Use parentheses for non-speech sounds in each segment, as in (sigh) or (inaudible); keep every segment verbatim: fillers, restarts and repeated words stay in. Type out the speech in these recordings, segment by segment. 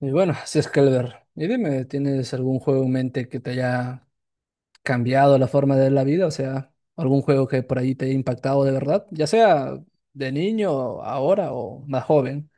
Y bueno, así es, Calver. Y dime, ¿tienes algún juego en mente que te haya cambiado la forma de ver la vida? O sea, algún juego que por ahí te haya impactado de verdad, ya sea de niño, ahora o más joven.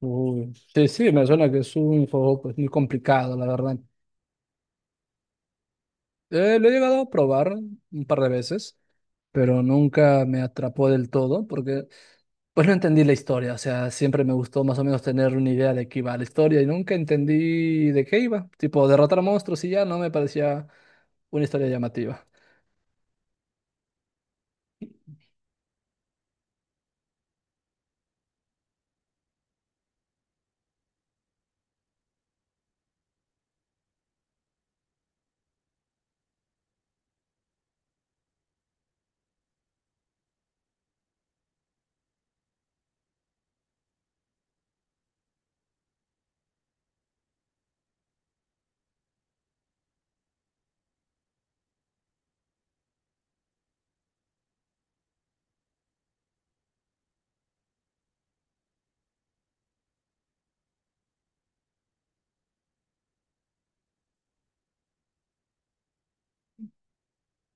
Uy, sí, sí, me suena que es un juego pues, muy complicado, la verdad. Eh, lo he llegado a probar un par de veces, pero nunca me atrapó del todo, porque pues no entendí la historia. O sea, siempre me gustó más o menos tener una idea de qué iba la historia y nunca entendí de qué iba. Tipo, derrotar monstruos y ya no me parecía una historia llamativa.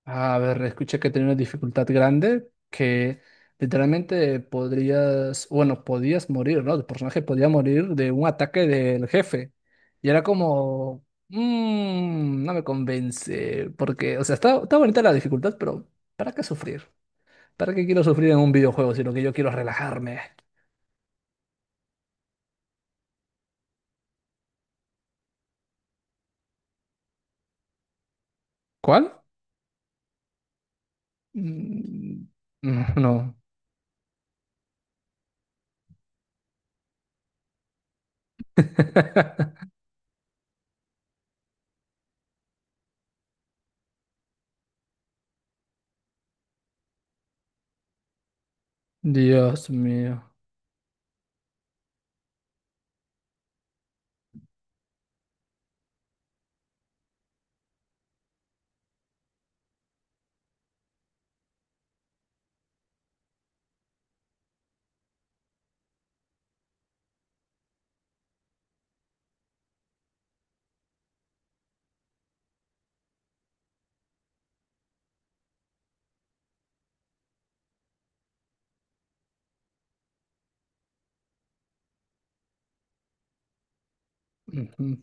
A ver, escuché que tenía una dificultad grande, que literalmente podrías, bueno, podías morir, ¿no? El personaje podía morir de un ataque del jefe. Y era como, mmm, no me convence, porque, o sea, está, está bonita la dificultad, pero ¿para qué sufrir? ¿Para qué quiero sufrir en un videojuego si lo que yo quiero es relajarme? ¿Cuál? Mm, mm, no. (laughs) Dios mío. Ujú.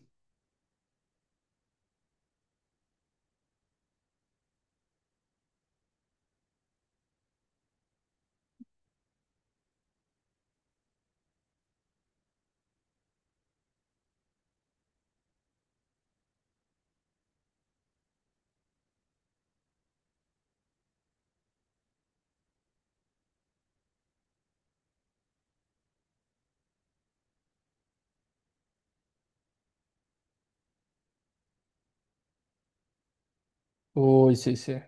Uy, sí, sí.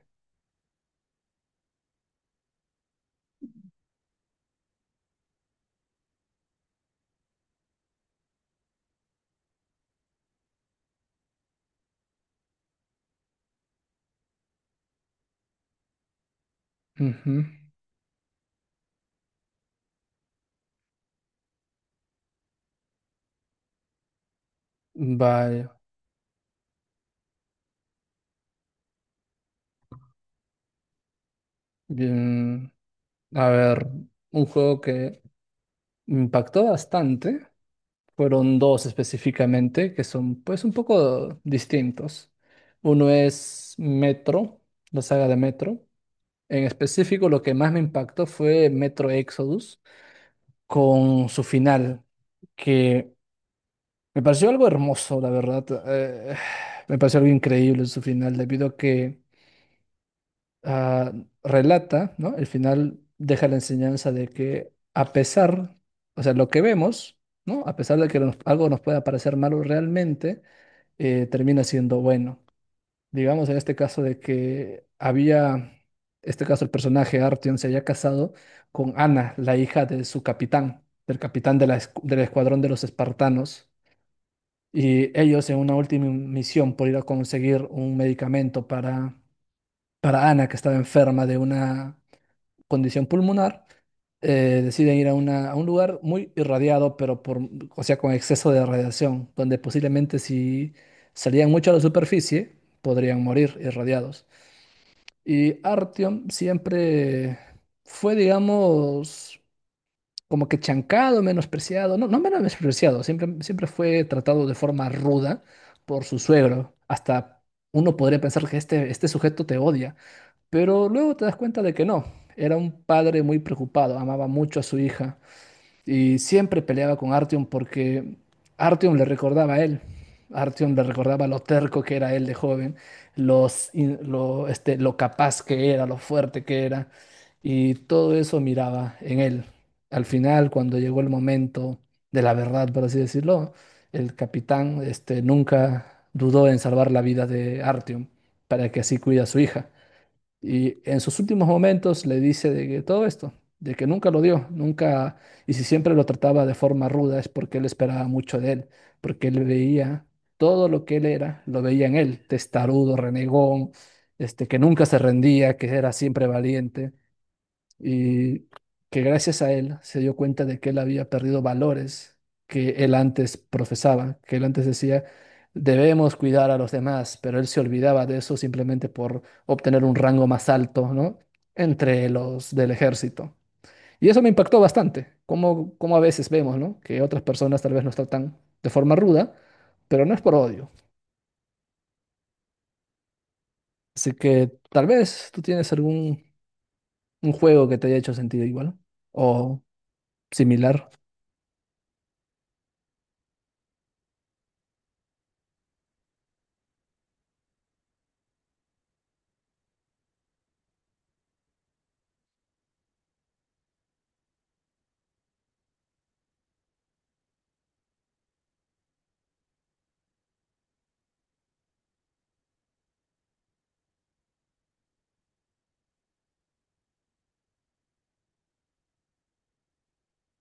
Ujú. Vaya. Bien. A ver, un juego que me impactó bastante. Fueron dos específicamente que son pues un poco distintos. Uno es Metro, la saga de Metro. En específico, lo que más me impactó fue Metro Exodus con su final, que me pareció algo hermoso, la verdad. Eh, me pareció algo increíble su final, debido a que ah, relata, ¿no? El final deja la enseñanza de que a pesar, o sea, lo que vemos, ¿no? A pesar de que nos- algo nos pueda parecer malo realmente, eh, termina siendo bueno. Digamos en este caso de que había, este caso el personaje Artyom se había casado con Ana, la hija de su capitán, del capitán de la escu- del escuadrón de los espartanos. Y ellos en una última misión por ir a conseguir un medicamento para, para Ana, que estaba enferma de una condición pulmonar, eh, deciden ir a, una- a un lugar muy irradiado, pero por, o sea, con exceso de radiación, donde posiblemente si salían mucho a la superficie, podrían morir irradiados. Y Artyom siempre fue, digamos, como que chancado, menospreciado, no, no menospreciado, siempre, siempre fue tratado de forma ruda por su suegro. Hasta uno podría pensar que este, este sujeto te odia, pero luego te das cuenta de que no. Era un padre muy preocupado, amaba mucho a su hija y siempre peleaba con Artyom porque Artyom le recordaba a él. Artyom le recordaba lo terco que era él de joven, los, in- lo, este, lo capaz que era, lo fuerte que era. Y todo eso miraba en él. Al final, cuando llegó el momento de la verdad, por así decirlo, el capitán este, nunca dudó en salvar la vida de Artyom para que así cuida a su hija. Y en sus últimos momentos le dice de que todo esto, de que nunca lo dio, nunca, y si siempre lo trataba de forma ruda es porque él esperaba mucho de él, porque él veía todo lo que él era, lo veía en él, testarudo, renegón, este, que nunca se rendía, que era siempre valiente y que gracias a él se dio cuenta de que él había perdido valores que él antes profesaba, que él antes decía, debemos cuidar a los demás, pero él se olvidaba de eso simplemente por obtener un rango más alto, ¿no? Entre los del ejército. Y eso me impactó bastante, como, como a veces vemos, ¿no? Que otras personas tal vez nos tratan de forma ruda, pero no es por odio. Así que tal vez tú tienes algún un juego que te haya hecho sentido igual o similar.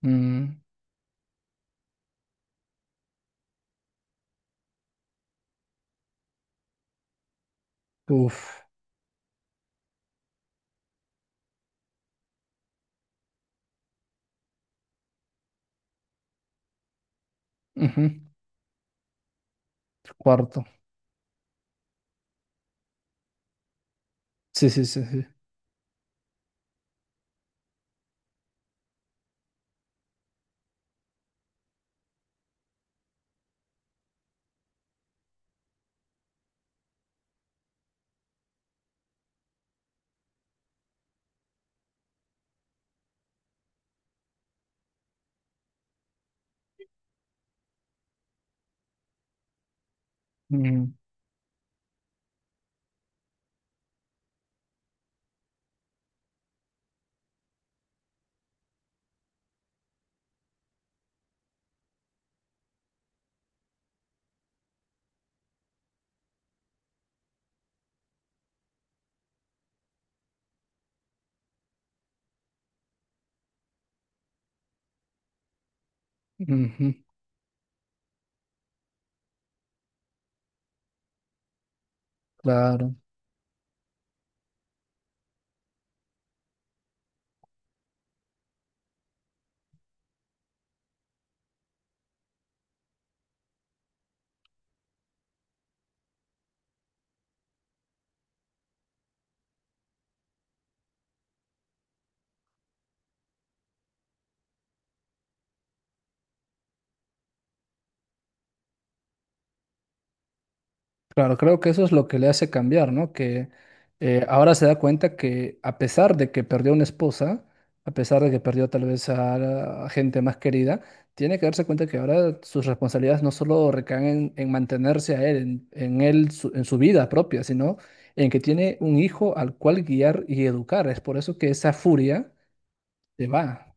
Mm, uf, ujú, cuarto. Sí, sí, sí, sí. Mm, ujú, claro, claro, creo que eso es lo que le hace cambiar, ¿no? Que eh, ahora se da cuenta que a pesar de que perdió una esposa, a pesar de que perdió tal vez a, la a gente más querida, tiene que darse cuenta que ahora sus responsabilidades no solo recaen en, en mantenerse a él, en, en él, su- en su vida propia, sino en que tiene un hijo al cual guiar y educar. Es por eso que esa furia se va.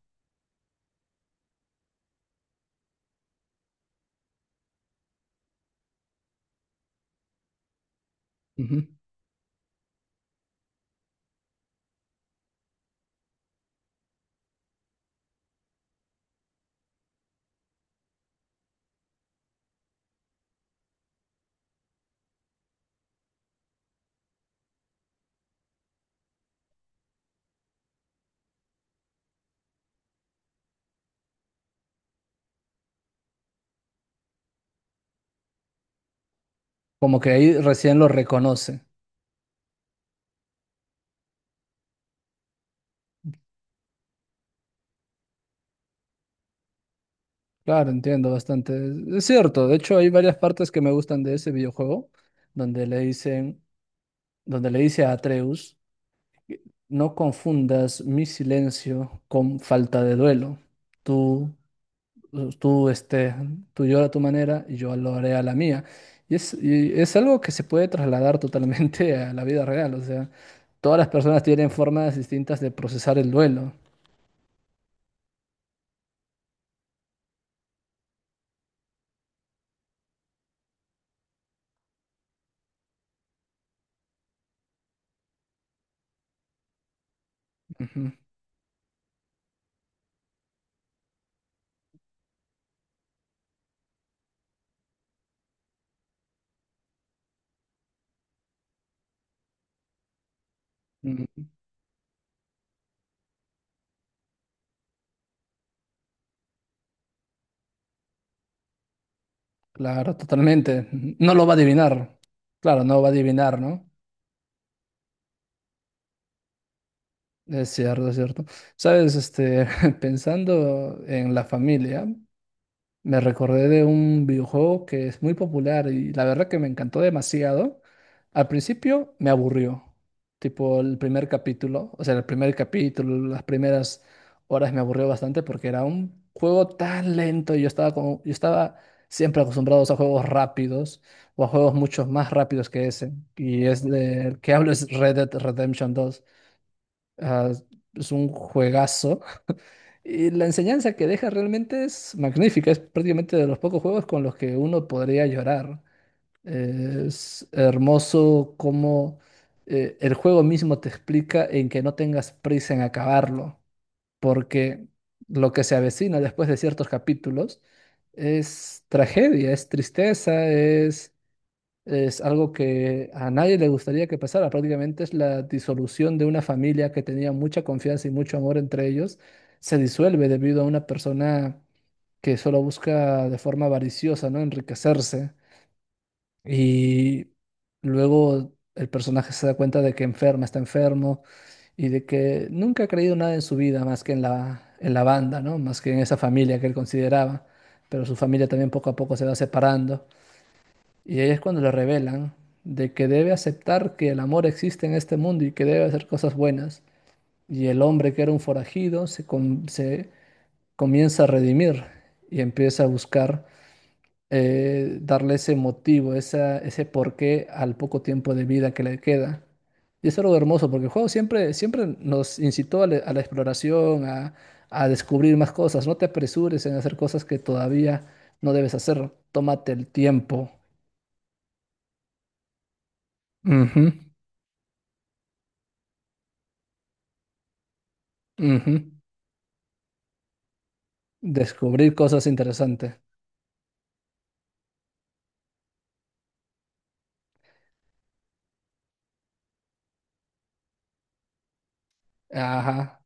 Como que ahí recién lo reconoce. Claro, entiendo bastante. Es cierto, de hecho hay varias partes que me gustan de ese videojuego, donde le dicen, donde le dice a Atreus, no confundas mi silencio con falta de duelo. Tú, tú, este, Tú llora a tu manera y yo lo haré a la mía. Y es, y es algo que se puede trasladar (laughs) totalmente a la vida real. O sea, todas las personas tienen formas distintas de procesar el duelo. Ujú. Claro, totalmente. No lo va a adivinar. Claro, no va a adivinar, ¿no? Es cierto, es cierto. Sabes, este, (laughs) pensando en la familia. Me recordé de un videojuego que es muy popular y la verdad que me encantó demasiado. Al principio me aburrió, tipo el primer capítulo, o sea, el primer capítulo, las primeras horas me aburrió bastante porque era un juego tan lento y yo estaba como, yo estaba siempre acostumbrado a juegos rápidos o a juegos mucho más rápidos que ese. Y es del que hablo es Red Dead Redemption dos. Ah, es un juegazo y la enseñanza que deja realmente es magnífica, es prácticamente de los pocos juegos con los que uno podría llorar. Eh, Es hermoso cómo eh, el juego mismo te explica en que no tengas prisa en acabarlo, porque lo que se avecina después de ciertos capítulos es tragedia, es tristeza, es algo que a nadie le gustaría que pasara. Prácticamente es la disolución de una familia que tenía mucha confianza y mucho amor entre ellos. Se disuelve debido a una persona que solo busca de forma avariciosa, ¿no? Enriquecerse. Y luego el personaje se da cuenta de que enferma, está enfermo y de que nunca ha creído nada en su vida más que en la, en la banda, ¿no? Más que en esa familia que él consideraba. Pero su familia también poco a poco se va separando. Y ahí es cuando le revelan de que debe aceptar que el amor existe en este mundo y que debe hacer cosas buenas. Y el hombre que era un forajido se, com- se comienza a redimir y empieza a buscar eh, darle ese motivo, esa, ese porqué al poco tiempo de vida que le queda. Y eso es algo hermoso, porque el juego siempre, siempre nos incitó a, la a la exploración, a, a descubrir más cosas. No te apresures en hacer cosas que todavía no debes hacer. Tómate el tiempo. Ujú. Ujú. Descubrir cosas interesantes. Ajá.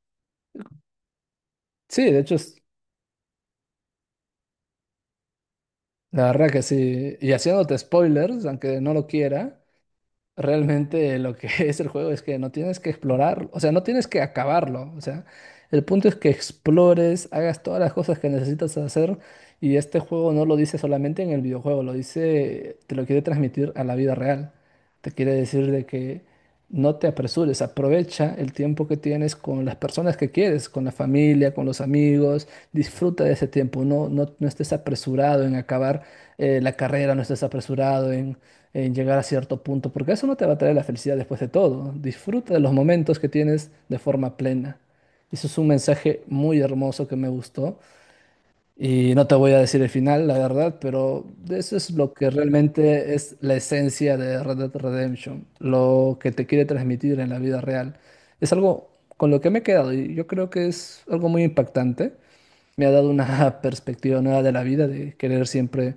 Sí, de hecho, es- la verdad que sí. Y haciéndote spoilers, aunque no lo quiera, realmente lo que (laughs) es el juego es que no tienes que explorar, o sea, no tienes que acabarlo, o sea, el punto es que explores, hagas todas las cosas que necesitas hacer y este juego no lo dice solamente en el videojuego, lo dice, te lo quiere transmitir a la vida real. Te quiere decir de que no te apresures, aprovecha el tiempo que tienes con las personas que quieres, con la familia, con los amigos, disfruta de ese tiempo, no, no, no estés apresurado en acabar eh, la carrera, no estés apresurado en, en llegar a cierto punto, porque eso no te va a traer la felicidad después de todo. Disfruta de los momentos que tienes de forma plena. Eso es un mensaje muy hermoso que me gustó y no te voy a decir el final, la verdad, pero de eso es lo que realmente es la esencia de Red Dead Redemption, lo que te quiere transmitir en la vida real. Es algo con lo que me he quedado y yo creo que es algo muy impactante. Me ha dado una (laughs) perspectiva nueva de la vida, de querer siempre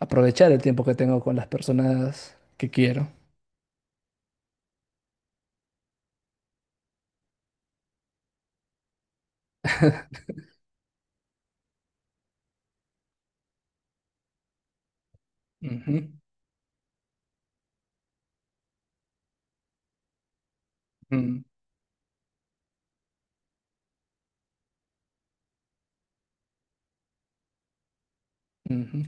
aprovechar el tiempo que tengo con las personas que quiero. Ujú, ujú, ujú.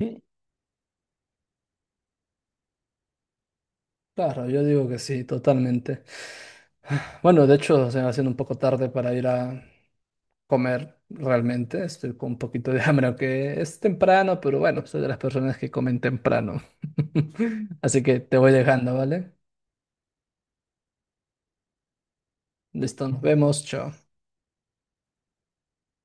Sí, claro, yo digo que sí, totalmente. Bueno, de hecho, se me va haciendo un poco tarde para ir a comer realmente. Estoy con un poquito de (laughs) hambre, aunque es temprano, pero bueno, soy de las personas que comen temprano. (laughs) Así que te voy dejando, ¿vale? Listo, nos vemos, chao.